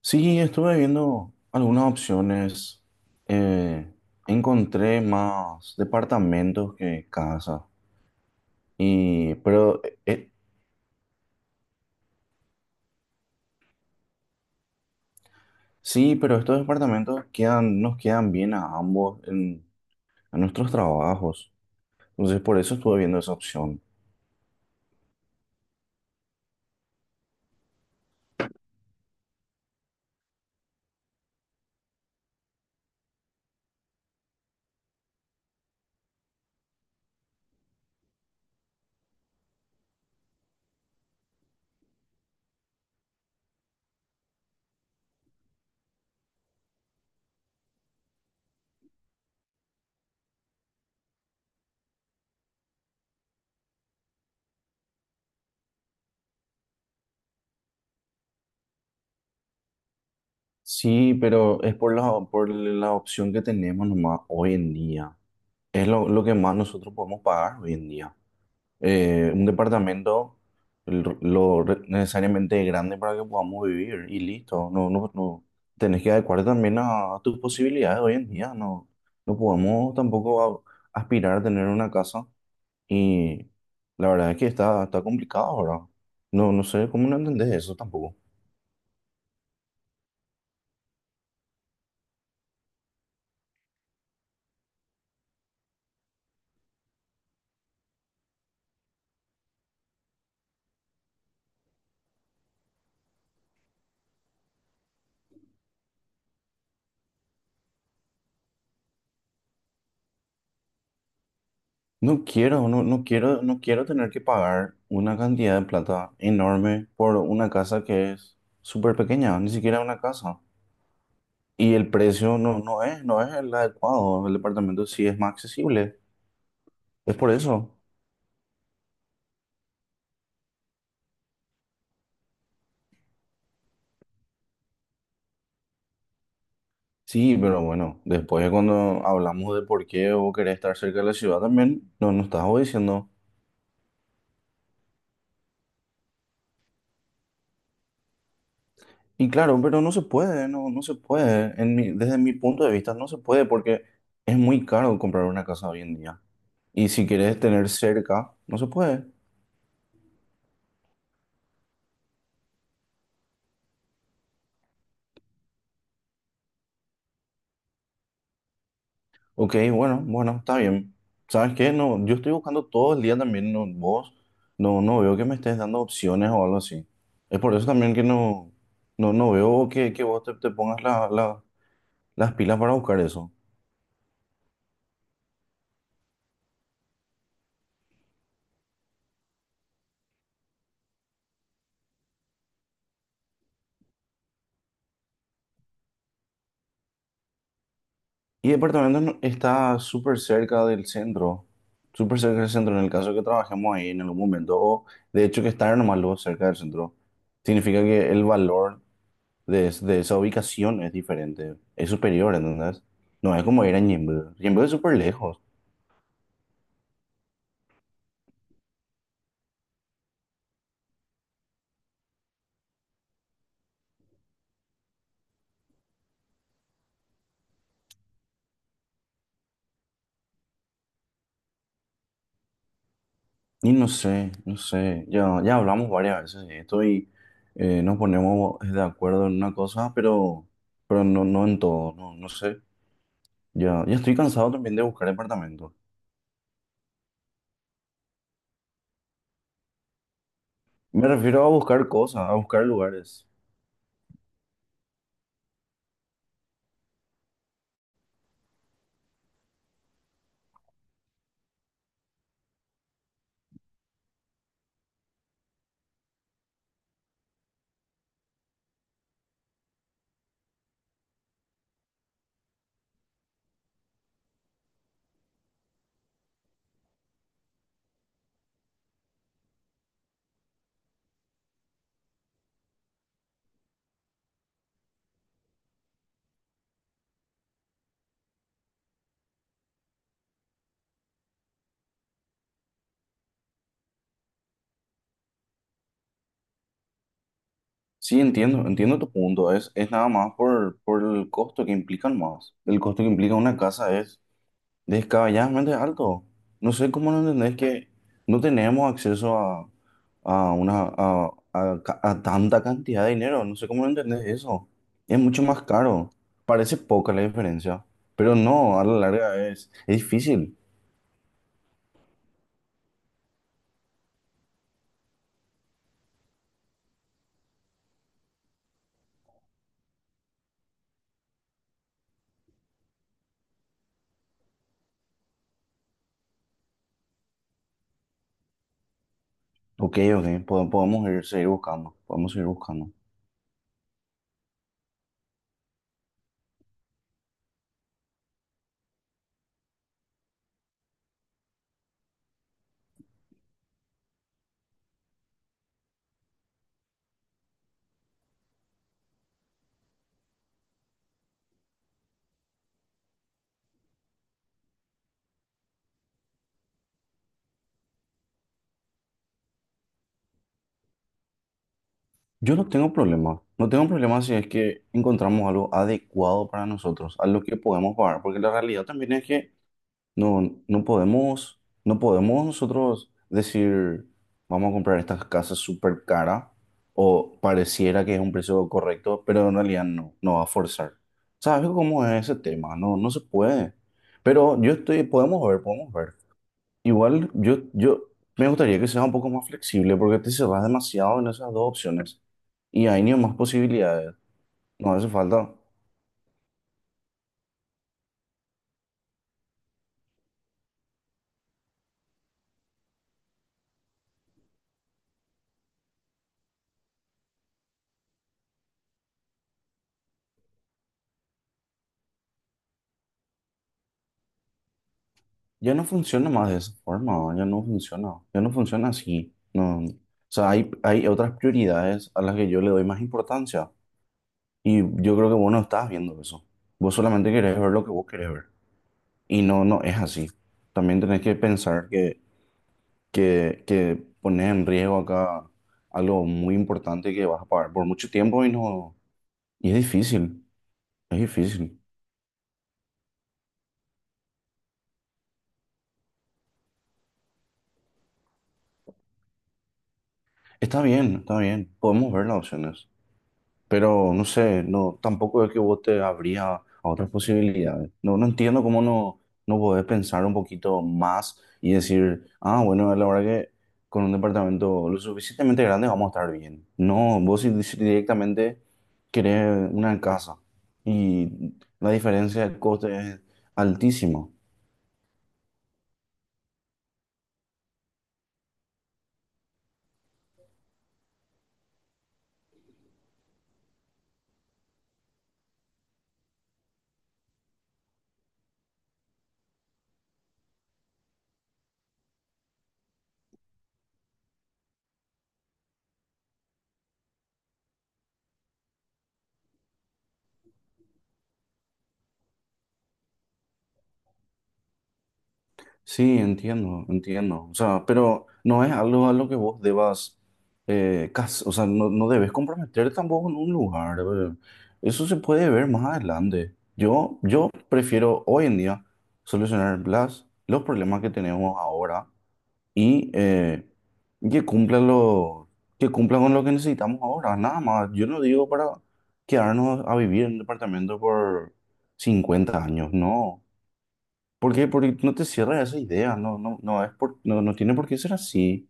Sí, estuve viendo algunas opciones. eh, Encontré más departamentos que casas. Y, pero, eh, eh, sí, pero estos departamentos nos quedan bien a ambos en, a nuestros trabajos. Entonces, por eso estuve viendo esa opción. Sí, pero es por la opción que tenemos nomás hoy en día. Es lo que más nosotros podemos pagar hoy en día. Un departamento necesariamente grande para que podamos vivir y listo. No, no, no. Tenés que adecuar también a tus posibilidades hoy en día. No, no podemos tampoco aspirar a tener una casa y la verdad es que está complicado ahora. No, no sé cómo no entendés eso tampoco. No quiero, no, no quiero, no quiero tener que pagar una cantidad de plata enorme por una casa que es súper pequeña, ni siquiera una casa. Y el precio no es el adecuado. El departamento sí es más accesible. Es por eso. Sí, pero bueno, después cuando hablamos de por qué vos querés estar cerca de la ciudad también, no nos estás vos diciendo. Y claro, pero no se puede, no, no se puede. Desde mi punto de vista no se puede porque es muy caro comprar una casa hoy en día. Y si querés tener cerca, no se puede. Ok, bueno, bueno, está bien. ¿Sabes qué? No, yo estoy buscando todo el día también, no, vos, no, no veo que me estés dando opciones o algo así. Es por eso también que no, no, no veo que vos te pongas las pilas para buscar eso. Y departamento no- está súper cerca del centro, súper cerca del centro, en el caso que trabajemos ahí en algún momento, o de hecho que estar nomás luego cerca del centro, significa que el valor de esa ubicación es diferente, es superior, ¿entendés? No es como ir a Ñemby. Ñemby es súper lejos. Y no sé, no sé, ya, ya hablamos varias veces de esto y nos ponemos de acuerdo en una cosa, pero no, no en todo, no, no sé. Ya, ya estoy cansado también de buscar departamentos. Me refiero a buscar cosas, a buscar lugares. Sí, entiendo, entiendo tu punto. Es nada más por el costo que implican más. El costo que implica una casa es descabelladamente alto. No sé cómo no entendés que no tenemos acceso a tanta cantidad de dinero. No sé cómo no entendés eso. Es mucho más caro. Parece poca la diferencia, pero no, a la larga es difícil. Ok, ok, podemos ir, seguir buscando. Podemos seguir buscando. Yo no tengo problema. No tengo problema si es que encontramos algo adecuado para nosotros, a lo que podemos pagar, porque la realidad también es que no, no podemos, no podemos nosotros decir, vamos a comprar estas casas súper cara o pareciera que es un precio correcto, pero en realidad no, no va a forzar. ¿Sabes cómo es ese tema? No, no se puede. Pero yo estoy, podemos ver, podemos ver. Igual yo me gustaría que sea un poco más flexible porque te cerras demasiado en esas dos opciones y hay ni más posibilidades. No hace falta. Yo no funciona más de esa forma, yo no funciona así. No. O sea, hay otras prioridades a las que yo le doy más importancia y yo creo que vos no estás viendo eso. Vos solamente querés ver lo que vos querés ver y no, no es así. También tenés que pensar que pones en riesgo acá algo muy importante que vas a pagar por mucho tiempo y no, y es difícil, es difícil. Está bien, podemos ver las opciones. Pero no sé, no, tampoco es que vos te abrías a otras posibilidades. No, no entiendo cómo no, no podés pensar un poquito más y decir, ah, bueno, la verdad que con un departamento lo suficientemente grande vamos a estar bien. No, vos si directamente querés una casa y la diferencia de coste es altísima. Sí, entiendo, entiendo. O sea, pero no es algo a lo que vos debas, o sea, no, no debes comprometer tampoco en un lugar. Eso se puede ver más adelante. Yo prefiero hoy en día solucionar los problemas que tenemos ahora y que cumplan que cumplan con lo que necesitamos ahora. Nada más. Yo no digo para quedarnos a vivir en un departamento por 50 años, no. ¿Por qué? Porque no te cierras esa idea, no, no, no, es por, no, no tiene por qué ser así.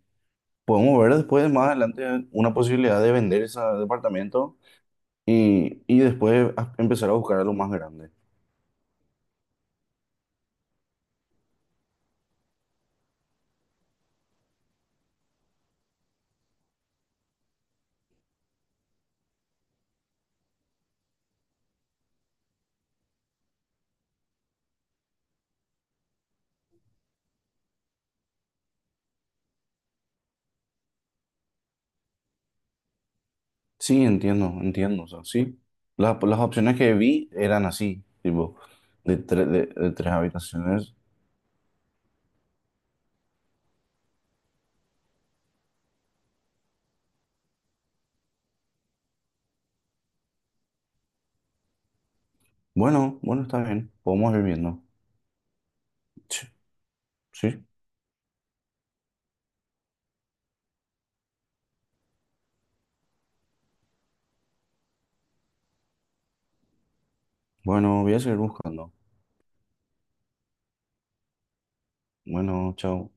Podemos ver después, más adelante, una posibilidad de vender ese departamento y después empezar a buscar algo más grande. Sí, entiendo, entiendo, o sea, sí. Las opciones que vi eran así, tipo, de 3 habitaciones. Bueno, bueno, está bien, podemos ir viendo. Sí, sí. Bueno, voy a seguir buscando. Bueno, chao.